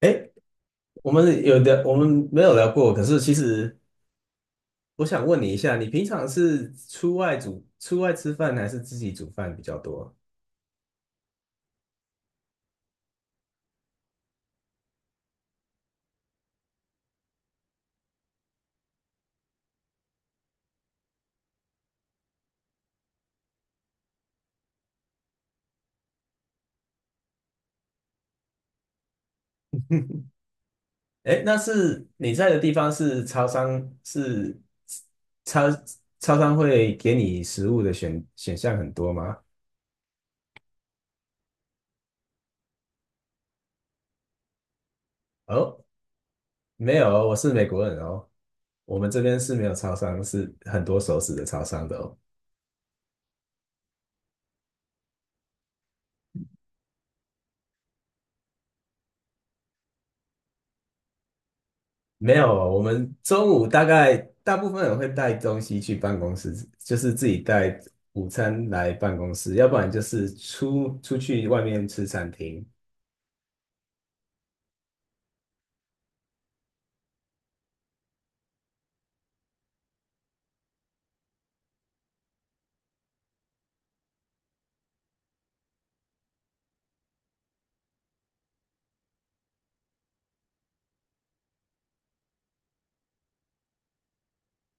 哎，我们没有聊过。可是其实我想问你一下，你平常是出外煮、出外吃饭，还是自己煮饭比较多？哎，那是你在的地方是超商，超超商会给你食物的选项很多吗？哦，没有哦，我是美国人哦，我们这边是没有超商，是很多熟食的超商的哦。没有，我们中午大概大部分人会带东西去办公室，就是自己带午餐来办公室，要不然就是出去外面吃餐厅。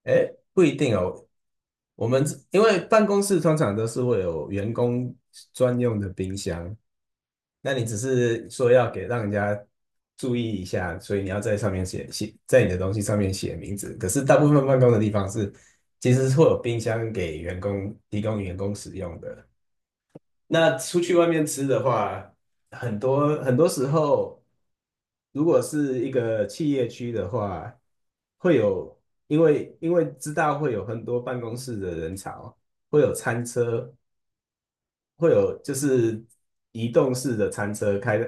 哎，不一定哦。我们因为办公室通常都是会有员工专用的冰箱，那你只是说要让人家注意一下，所以你要在上面写写，在你的东西上面写名字。可是大部分办公的地方是，其实是会有冰箱给员工提供员工使用的。那出去外面吃的话，很多很多时候，如果是一个企业区的话，会有，因为知道会有很多办公室的人潮，会有餐车，会有就是移动式的餐车开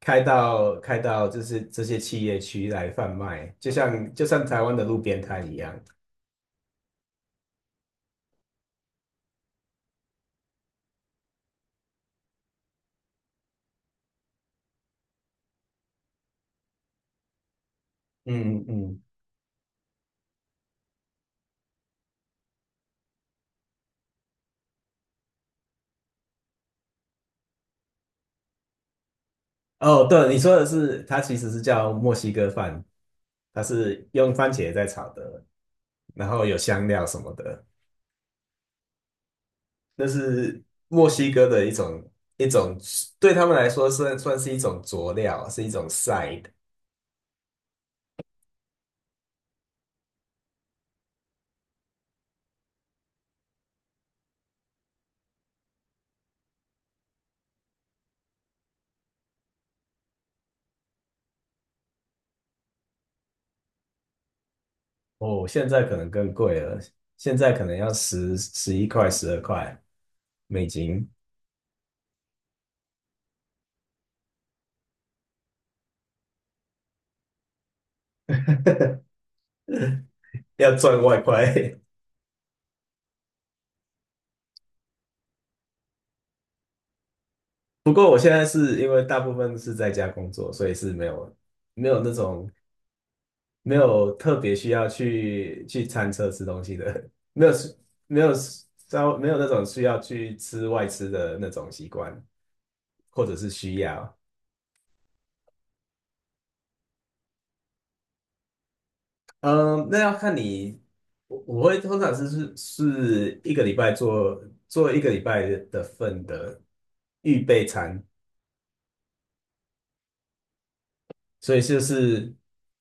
开到开到就是这些企业区来贩卖，就像台湾的路边摊一样。嗯嗯。哦，对，你说的是，它其实是叫墨西哥饭，它是用番茄在炒的，然后有香料什么的，那是墨西哥的一种，对他们来说算是一种佐料，是一种 side。哦，现在可能更贵了，现在可能要十一块、12块美金，要赚外快。不过我现在是因为大部分是在家工作，所以是没有那种。没有特别需要去餐车吃东西的，没有那种需要去吃外吃的那种习惯，或者是需要。嗯，那要看你，我会通常是一个礼拜做一个礼拜的份的预备餐，所以就是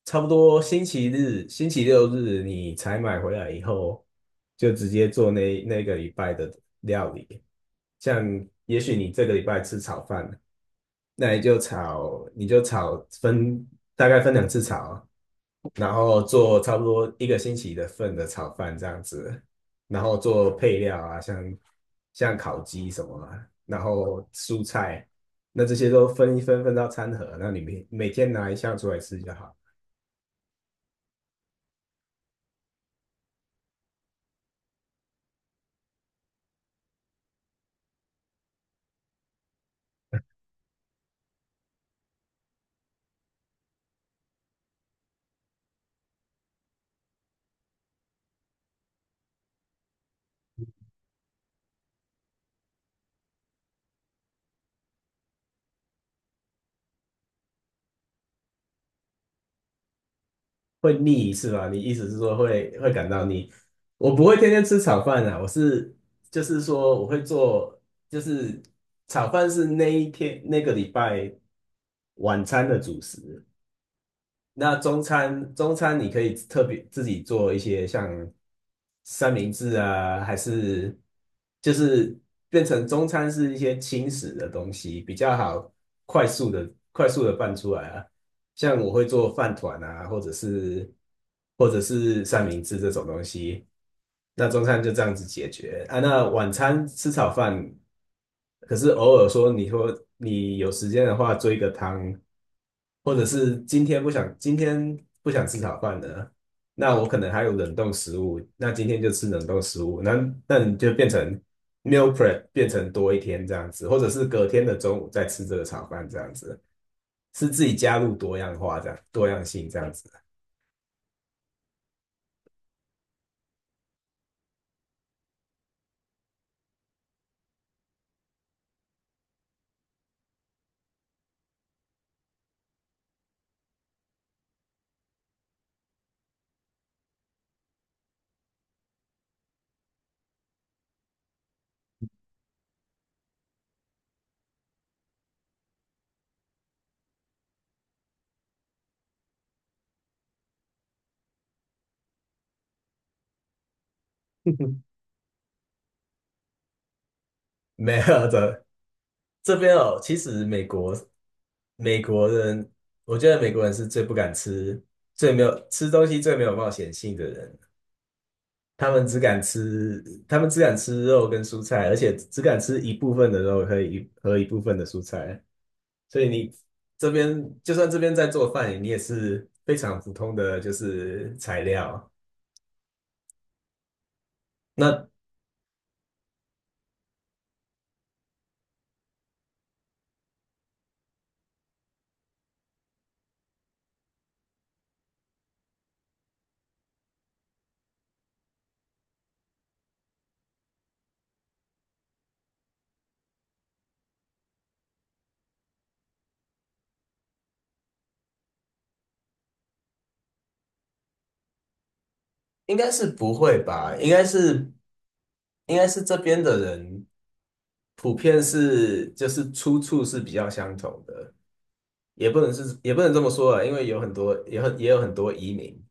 差不多星期日、星期六日你采买回来以后，就直接做那个礼拜的料理。像也许你这个礼拜吃炒饭，那你就炒大概分2次炒，然后做差不多一个星期的份的炒饭这样子，然后做配料啊，像烤鸡什么啊然后蔬菜，那这些都分一分到餐盒，那里面每天拿一项出来吃就好。会腻是吧？你意思是说会感到腻？我不会天天吃炒饭啊，就是说我会做，就是炒饭是那一天那个礼拜晚餐的主食，那中餐，中餐你可以特别自己做一些像三明治啊，还是就是变成中餐是一些轻食的东西，比较快速的拌出来啊。像我会做饭团啊，或者是三明治这种东西。那中餐就这样子解决啊。那晚餐吃炒饭，可是偶尔你说你有时间的话做一个汤，或者是今天不想吃炒饭的，那我可能还有冷冻食物，那今天就吃冷冻食物，那你就变成 meal prep 变成多一天这样子，或者是隔天的中午再吃这个炒饭这样子，是自己加入多样化这样多样性这样子。没有的，这边哦，其实美国人，我觉得美国人是最不敢吃、最没有吃东西最没有冒险性的人。他们只敢吃，他们只敢吃肉跟蔬菜，而且只敢吃一部分的肉和一部分的蔬菜。所以你这边就算这边在做饭，你也是非常普通的就是材料。那应该是不会吧？应该是这边的人普遍是就是出处是比较相同的，也不能这么说啊，因为有很多也很也有很多移民，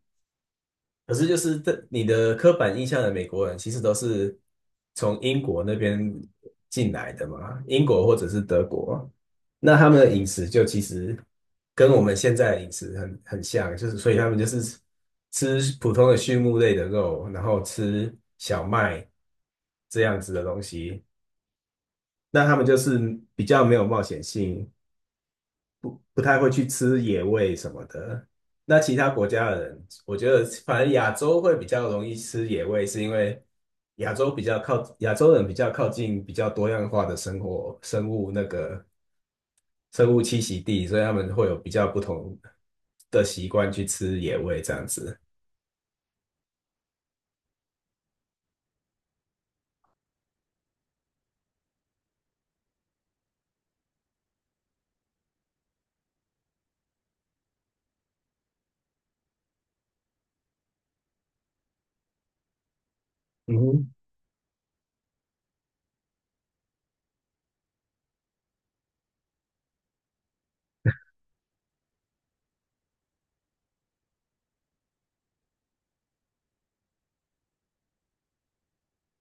可是就是你的刻板印象的美国人其实都是从英国那边进来的嘛，英国或者是德国，那他们的饮食就其实跟我们现在的饮食很像，就是所以他们就是吃普通的畜牧类的肉，然后吃小麦这样子的东西。那他们就是比较没有冒险性，不太会去吃野味什么的。那其他国家的人，我觉得反正亚洲会比较容易吃野味，是因为亚洲人比较靠近比较多样化的生活生物那个生物栖息地，所以他们会有比较不同的习惯去吃野味这样子。嗯哼，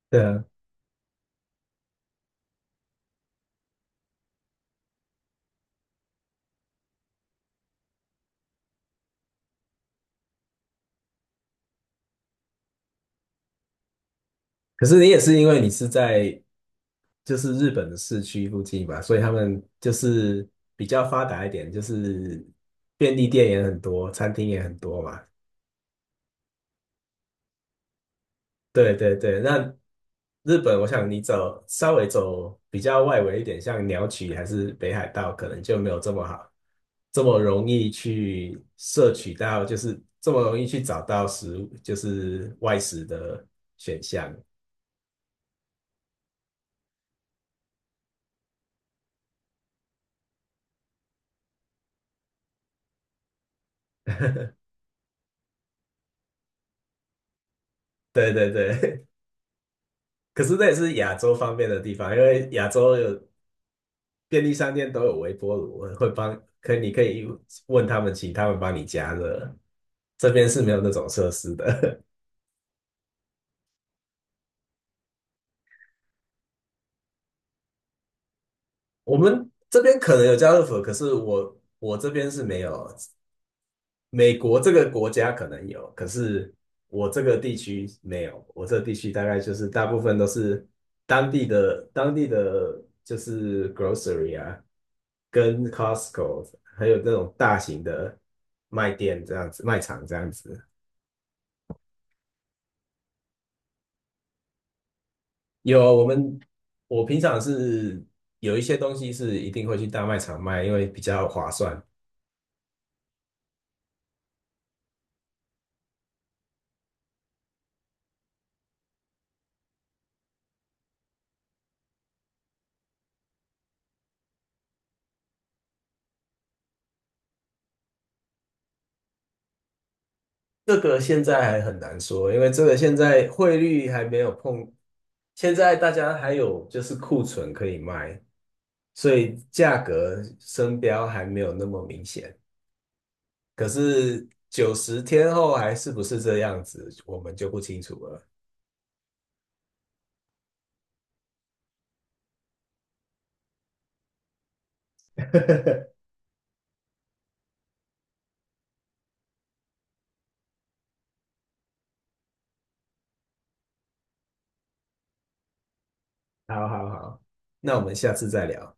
对啊。可是你也是因为你是在日本的市区附近嘛，所以他们就是比较发达一点，就是便利店也很多，餐厅也很多嘛。对对对，那日本，我想稍微走比较外围一点，像鸟取还是北海道，可能就没有这么好，这么容易去摄取到，就是这么容易去找到食物，就是外食的选项。对对对。可是那也是亚洲方面的地方，因为亚洲有便利商店都有微波炉，可你可以问他们，请他们帮你加热。这边是没有那种设施的，我们这边可能有家乐福，可是我这边是没有。美国这个国家可能有，可是我这个地区没有。我这个地区大概就是大部分都是当地的就是 grocery 啊，跟 Costco，还有那种大型的卖店这样子，卖场这样子。有，我平常是有一些东西是一定会去大卖场卖，因为比较划算。这个现在还很难说，因为这个现在汇率还没有碰，现在大家还有就是库存可以卖，所以价格升标还没有那么明显。可是90天后还是不是这样子，我们就不清楚了。好好好，那我们下次再聊。